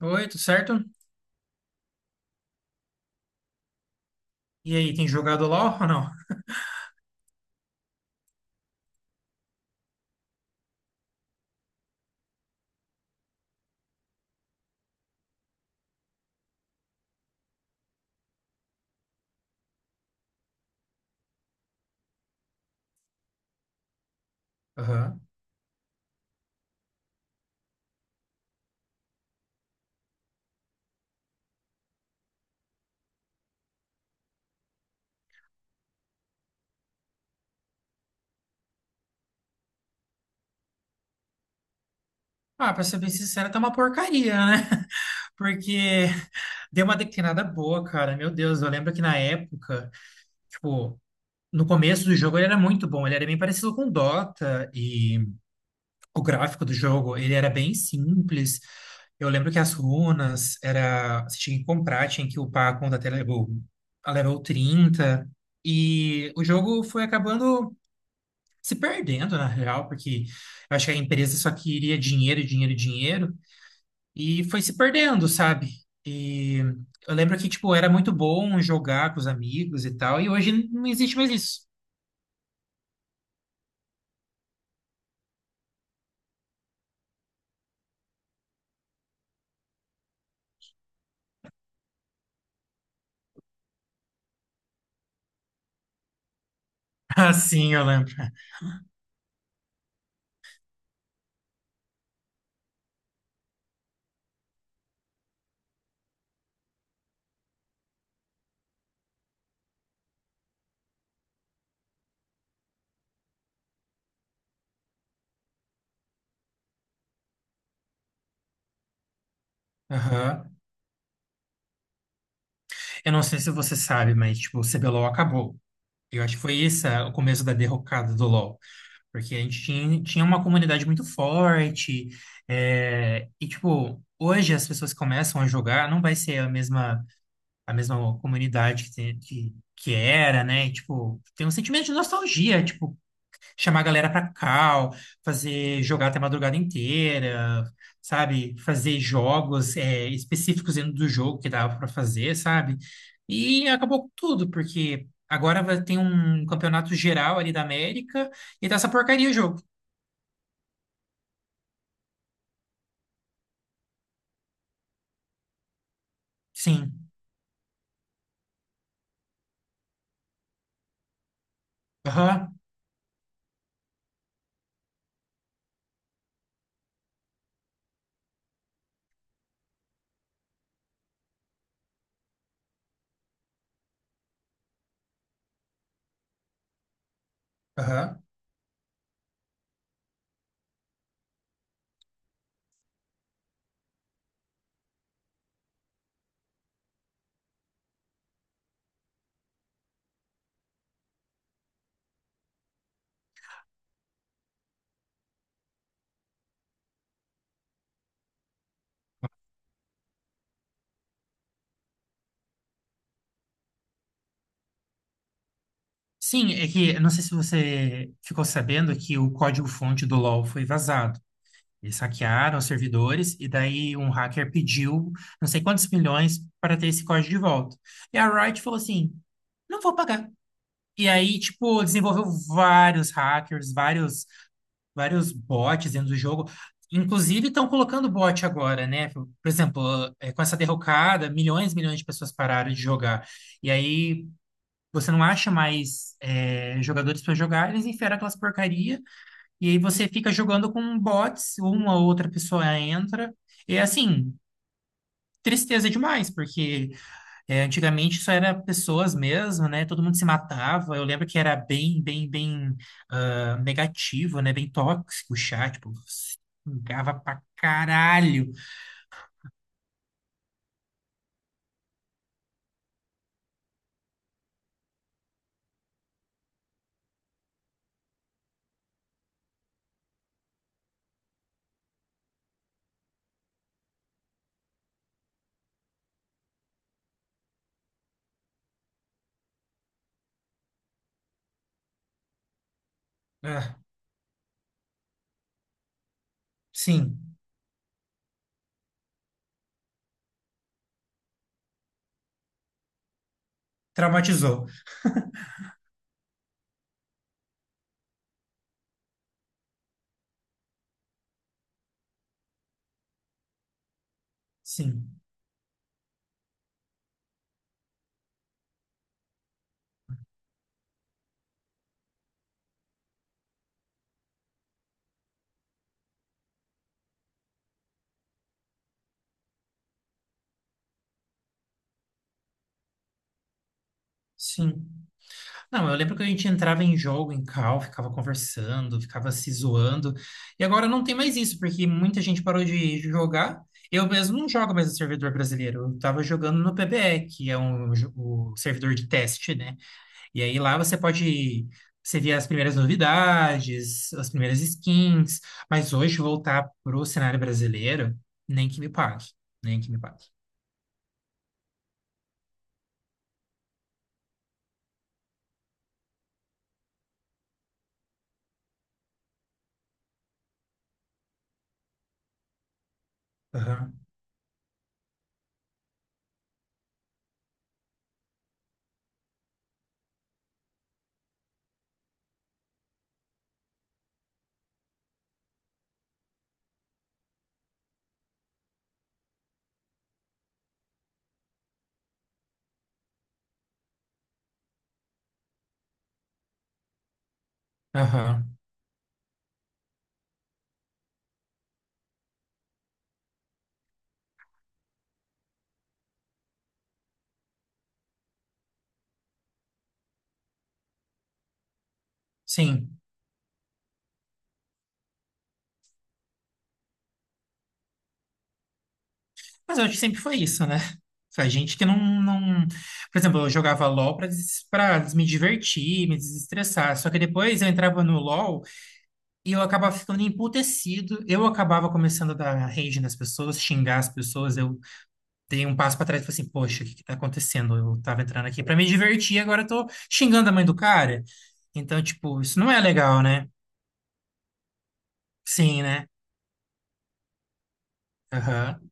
Oi, tudo certo? E aí, tem jogado LOL ou não? Aham. Ah, pra ser bem sincero, tá uma porcaria, né? Porque deu uma declinada boa, cara. Meu Deus, eu lembro que na época, tipo, no começo do jogo ele era muito bom. Ele era bem parecido com Dota e o gráfico do jogo, ele era bem simples. Eu lembro que as runas era, você tinha que comprar, tinha que upar a conta até level, a level trinta. E o jogo foi acabando se perdendo, na real, porque eu acho que a empresa só queria dinheiro, dinheiro, dinheiro, e foi se perdendo, sabe? E eu lembro que, tipo, era muito bom jogar com os amigos e tal, e hoje não existe mais isso. Ah, sim, eu lembro. Aham. Eu não sei se você sabe, mas, tipo, o CBLOL acabou. Eu acho que foi esse o começo da derrocada do LoL. Porque a gente tinha uma comunidade muito forte, e, tipo, hoje as pessoas que começam a jogar, não vai ser a mesma comunidade que era, né? E, tipo, tem um sentimento de nostalgia, tipo, chamar a galera pra cal, fazer jogar até a madrugada inteira, sabe? Fazer jogos específicos dentro do jogo que dava pra fazer, sabe? E acabou com tudo, porque agora vai ter um campeonato geral ali da América e tá essa porcaria o jogo. Sim. Aham. Aham. Sim, é que eu não sei se você ficou sabendo que o código-fonte do LoL foi vazado. Eles saquearam os servidores e daí um hacker pediu não sei quantos milhões para ter esse código de volta. E a Riot falou assim: não vou pagar. E aí, tipo, desenvolveu vários hackers, vários bots dentro do jogo. Inclusive, estão colocando bot agora, né? Por exemplo, com essa derrocada, milhões e milhões de pessoas pararam de jogar. E aí, você não acha mais jogadores para jogar, eles enfiaram aquelas porcaria e aí você fica jogando com bots, uma ou outra pessoa entra. E assim, tristeza demais, porque antigamente só era pessoas mesmo, né? Todo mundo se matava. Eu lembro que era bem, bem, bem negativo, né? Bem tóxico o chat, tipo, xingava pra caralho. Ah, sim, traumatizou. Sim, sim. Não, eu lembro que a gente entrava em jogo, em call, ficava conversando, ficava se zoando. E agora não tem mais isso, porque muita gente parou de jogar. Eu mesmo não jogo mais no servidor brasileiro. Eu tava jogando no PBE, que é o servidor de teste, né? E aí lá você pode. Você vê as primeiras novidades, as primeiras skins. Mas hoje voltar pro cenário brasileiro, nem que me pague. Nem que me pague. Aham, aham, sim. Mas eu acho que sempre foi isso, né? A gente que não, não... Por exemplo, eu jogava LOL pra me divertir, me desestressar. Só que depois eu entrava no LOL e eu acabava ficando emputecido. Eu acabava começando a dar rage nas pessoas, xingar as pessoas. Eu dei um passo para trás e falei assim, poxa, o que que tá acontecendo? Eu tava entrando aqui para me divertir, agora eu tô xingando a mãe do cara. Então, tipo, isso não é legal, né? Sim, né? Aham.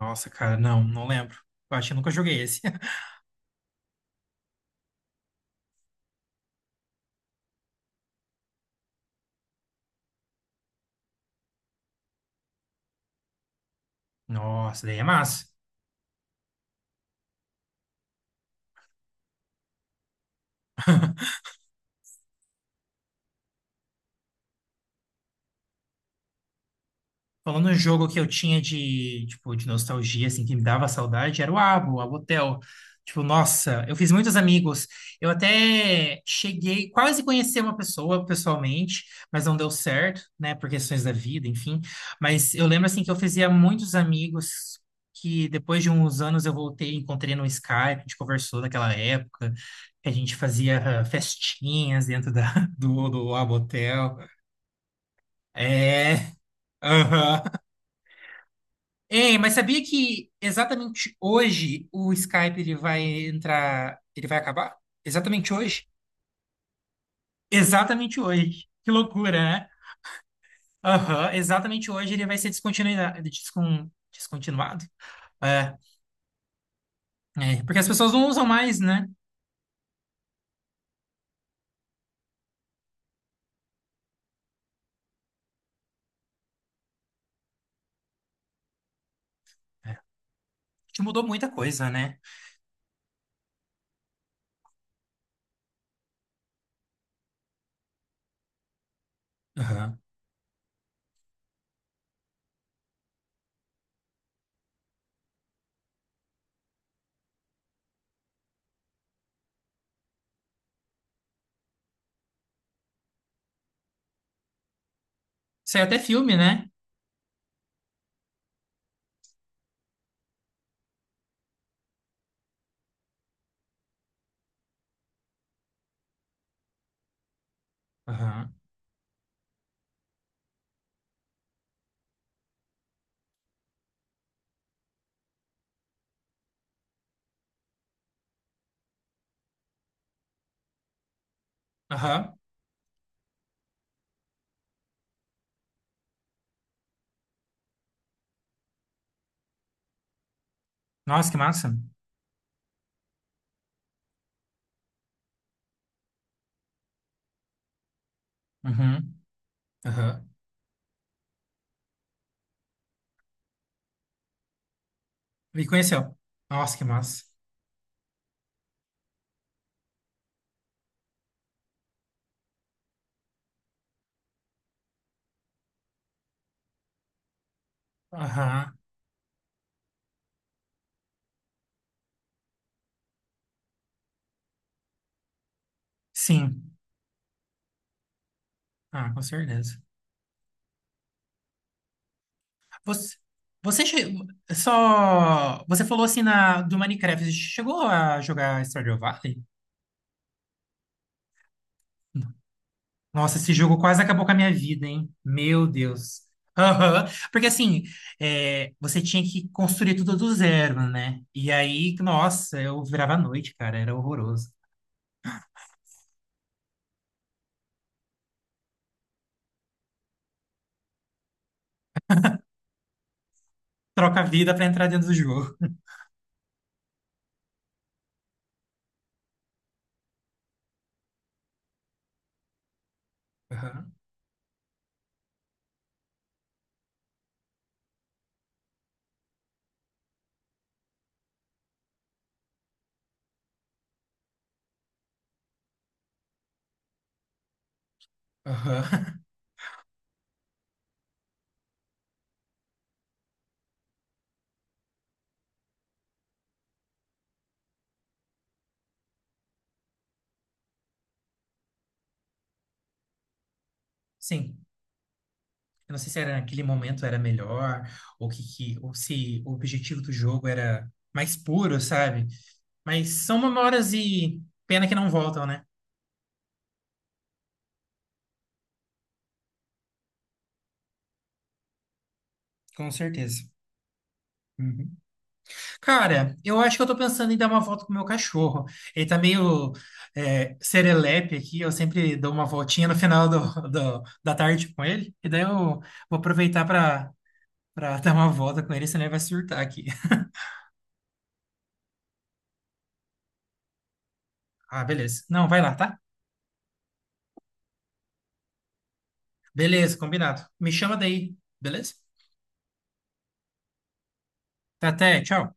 Nossa, cara, não, não lembro. Eu acho que eu nunca joguei esse. Nossa, daí é massa. Falando um jogo que eu tinha de, tipo, de nostalgia, assim, que me dava saudade, era o Abo Hotel. Tipo, nossa, eu fiz muitos amigos. Eu até cheguei, quase conheci uma pessoa pessoalmente, mas não deu certo, né, por questões da vida, enfim. Mas eu lembro, assim, que eu fazia muitos amigos que depois de uns anos eu voltei, encontrei no Skype, a gente conversou daquela época, que a gente fazia festinhas dentro da, do Abo Hotel. É, aham. É, mas sabia que exatamente hoje o Skype ele vai entrar, ele vai acabar? Exatamente hoje? Exatamente hoje. Que loucura, né? Aham, exatamente hoje ele vai ser descontinuado. É, é, porque as pessoas não usam mais, né? É, que mudou muita coisa, né? Aham. Saiu até filme, né? Aham. Aham. Nossa, que massa. Uhum. Aham. Me conheceu. Nossa, que massa. Aham. Sim. Ah, com certeza. Você, você che- só. Você falou assim na, do Minecraft. Você chegou a jogar Stardew Valley? Nossa, esse jogo quase acabou com a minha vida, hein? Meu Deus. Aham. Porque assim, você tinha que construir tudo do zero, né? E aí, nossa, eu virava à noite, cara. Era horroroso. Troca a vida pra entrar dentro do jogo. Aham, aham. Sim, eu não sei se era naquele momento era melhor, ou se o objetivo do jogo era mais puro, sabe? Mas são memórias e pena que não voltam, né? Com certeza. Uhum. Cara, eu acho que eu tô pensando em dar uma volta com o meu cachorro. Ele tá meio serelepe aqui, eu sempre dou uma voltinha no final da tarde com ele. E daí eu vou aproveitar pra dar uma volta com ele, senão ele vai surtar aqui. Ah, beleza. Não, vai lá, tá? Beleza, combinado. Me chama daí, beleza? Tá, até, tchau.